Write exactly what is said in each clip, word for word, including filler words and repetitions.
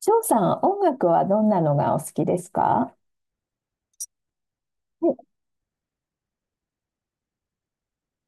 翔さん、音楽はどんなのがお好きですか？はい、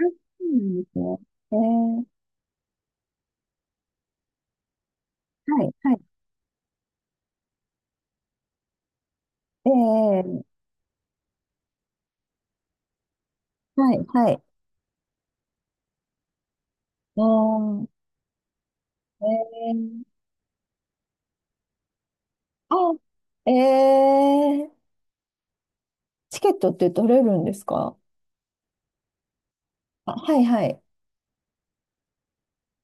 あ、そうなんですね。えー、はい、はい、えー、はい、はい。うーん、えー、あ、えー、チケットって取れるんですか？あ、はい、はい、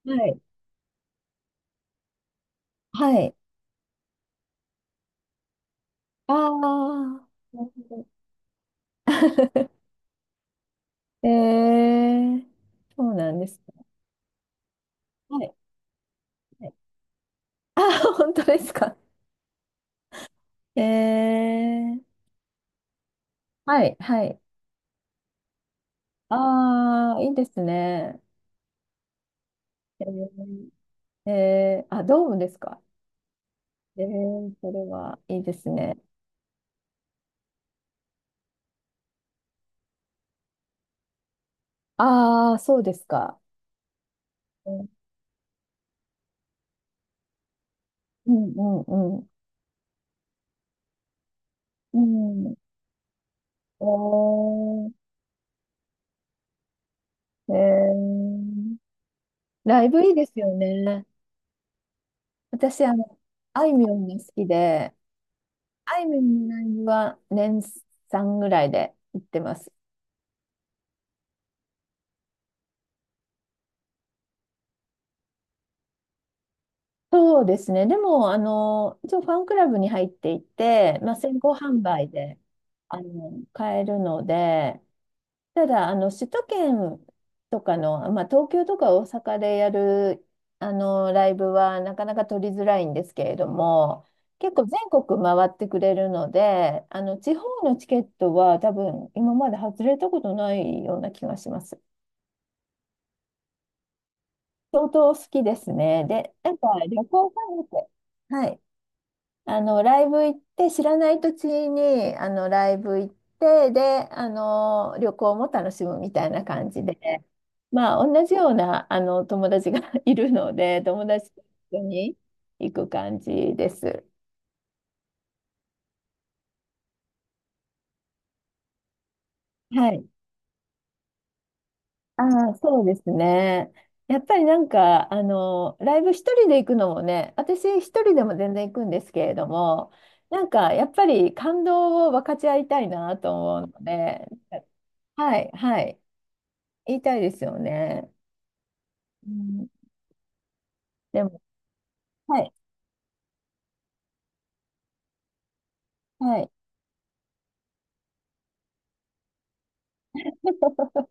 はい、はい。ああ、なるほど。 えー、そうなんですか。はい、はい。あ、本当ですか。えー、はい、はい。ああ、いいですね。えー、えーあ、ドームですか。えー、それはいいですね。ああ、そうですか。うんうんうんうん。おー、えー、ライブいいですよね。私、あの、あいみょんが好きで、あいみょんのライブは年さんぐらいで行ってます。そうですね。でも、あの、一応ファンクラブに入っていて、まあ、先行販売で買えるので、ただ、あの、首都圏とかの、まあ、東京とか大阪でやる、あの、ライブはなかなか取りづらいんですけれども、結構全国回ってくれるので、あの、地方のチケットは多分今まで外れたことないような気がします。相当好きですね。で、なんか旅行ファンって、はい。あの、ライブ行って、知らない土地に、あの、ライブ行って、で、あの、旅行も楽しむみたいな感じで、まあ、同じような、あの、友達が いるので、友達と一緒に行く感じです。はい。ああ、そうですね。やっぱりなんか、あの、ライブ一人で行くのもね、私一人でも全然行くんですけれども、なんか、やっぱり感動を分かち合いたいなと思うので、はい、はい。言いたいですよね。うん、でも、はい、はい。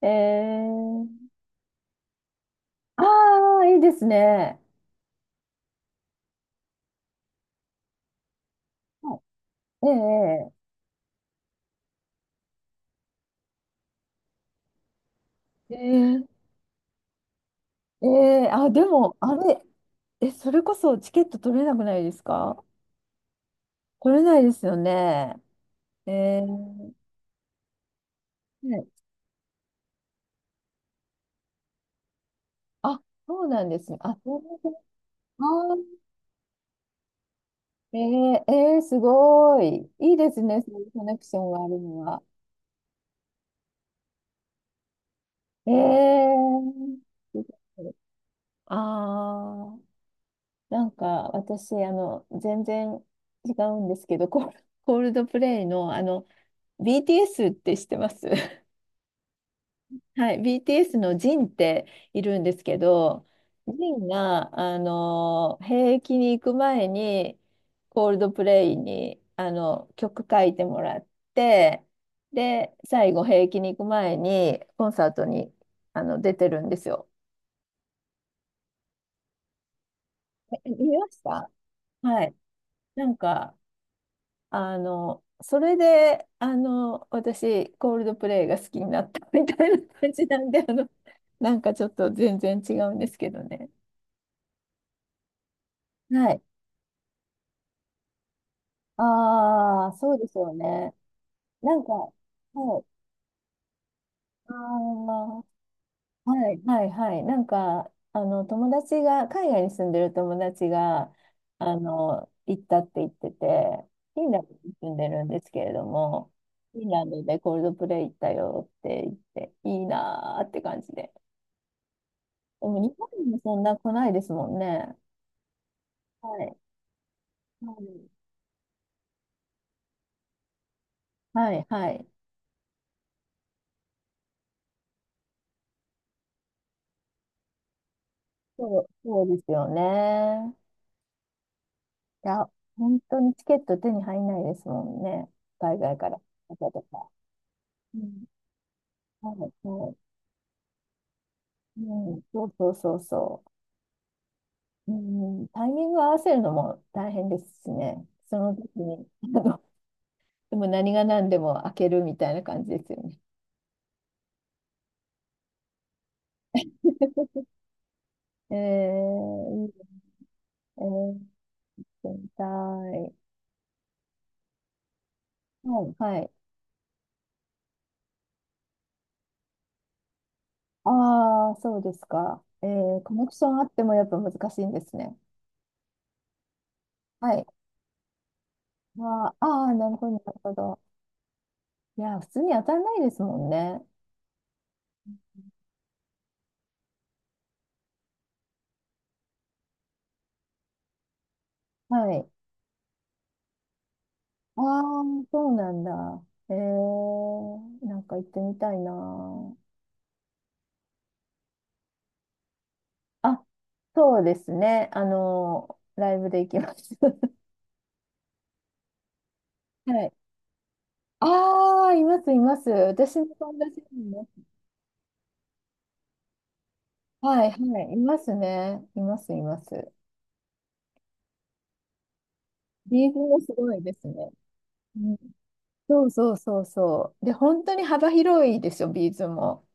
えー、ああ、いいですね。はい。ねえ、ええええ、あ、でも、あれ、え、それこそチケット取れなくないですか？取れないですよね。えー、はい。あ、そうなんですね。あ、そうなんです。あー、ええええすごい。いいですね、そういうコネクションがあるのは。ええ。ああー。なんか私、あの、全然違うんですけど、コール、コールドプレイの、あの、ビーティーエス って知ってます？ はい、ビーティーエス のジンっているんですけど、ジンが、あの、兵役に行く前に、コールドプレイに、あの、曲書いてもらって、で、最後、兵役に行く前に、コンサートに、あの、出てるんですよ。え、見ました？はい。なんか、あの、それで、あの、私、コールドプレイが好きになったみたいな感じなんで、あの、なんかちょっと全然違うんですけどね。はい。ああ、そうですよね。なんか、はい。ああ、はい。はいはい。なんか、あの、友達が、海外に住んでる友達が、あの、行ったって言ってて、フィンランドに住んでるんですけれども、フィンランドでコールドプレイ行ったよって言って、いいなーって感じで。でも日本にもそんな来ないですもんね。はい。はいはい、はい。そう、そうですよね。いや、本当にチケット手に入んないですもんね。海外から来た方とか。うん、はい、はい。うん、そうそうそうそう。うん、タイミング合わせるのも大変ですしね。その時に、あのでも何が何でも開けるみたいな感じですよね。えー、いいですね。行ってみたい。はい、はい。ああ、そうですか。えー、コネクションあってもやっぱ難しいんですね。はい。ああ、あーなるほど、なるほど。いや、普通に当たんないですもんね。はい。ああ、そうなんだ。えー、なんか行ってみたいな。あ、そうですね。あの、ライブで行きます。はい。ああ、います、います。私の友達にも。はい、はい。いますね。います、います。リーズもすごいですね。そうそうそうそう。で、本当に幅広いですよ、ビーズも。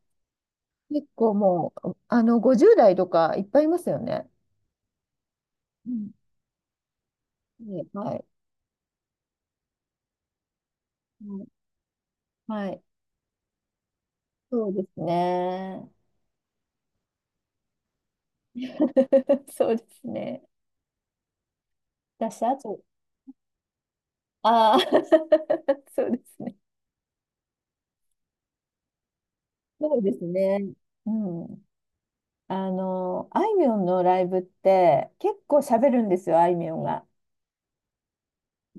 結構もう、あの、ごじゅうだい代とかいっぱいいますよね。うん。ね、はい。うん、はい。はい、そうですね。そうですね。私、あと、ああ、そうですね。そうですね。うん。あの、あいみょんのライブって結構喋るんですよ、あいみょんが。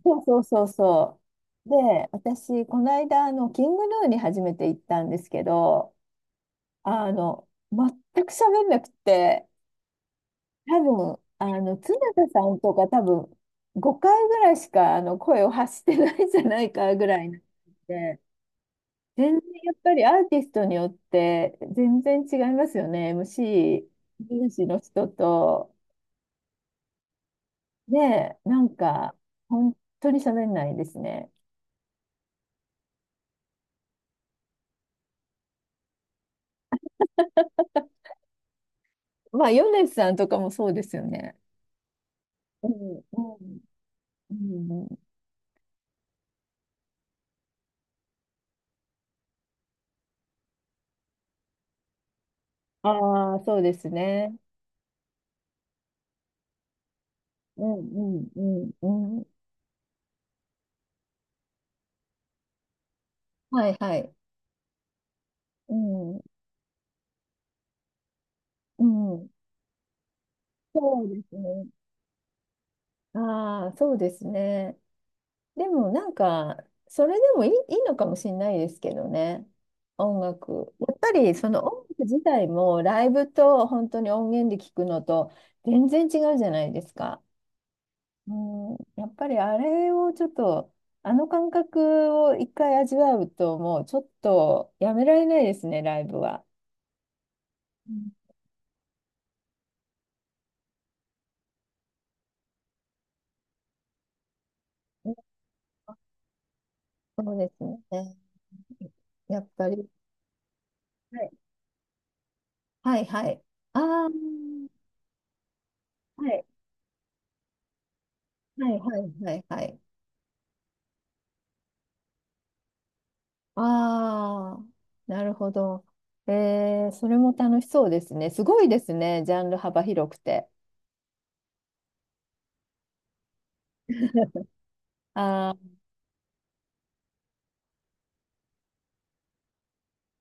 そうそうそうそう。で、私、この間、あの、キングヌーに初めて行ったんですけど、あの、全く喋んなくて、多分、あの、常田さんとか多分、ごかいぐらいしか、あの、声を発してないんじゃないかぐらいなので、全然やっぱりアーティストによって、全然違いますよね。エムシー、エムシー の人と、ねえ、なんか、本当に喋んないですね。まあ、米津さんとかもそうですよね。うん、うん、うん。ああ、そうですね。うん、うん、うん、うん。はいはい。うん、うん。そうですね。ああ、そうですね。でもなんか、それでもいい、いいのかもしれないですけどね。音楽。やっぱりその音楽自体もライブと本当に音源で聞くのと全然違うじゃないですか。うん、やっぱりあれをちょっと、あの感覚を一回味わうともうちょっとやめられないですね、ライブは。うん。そうですね。やっぱり。はいはいはい。ああ、はいはいはいはいはい。ああ、なるほど。えー、それも楽しそうですね。すごいですね、ジャンル幅広くて。あー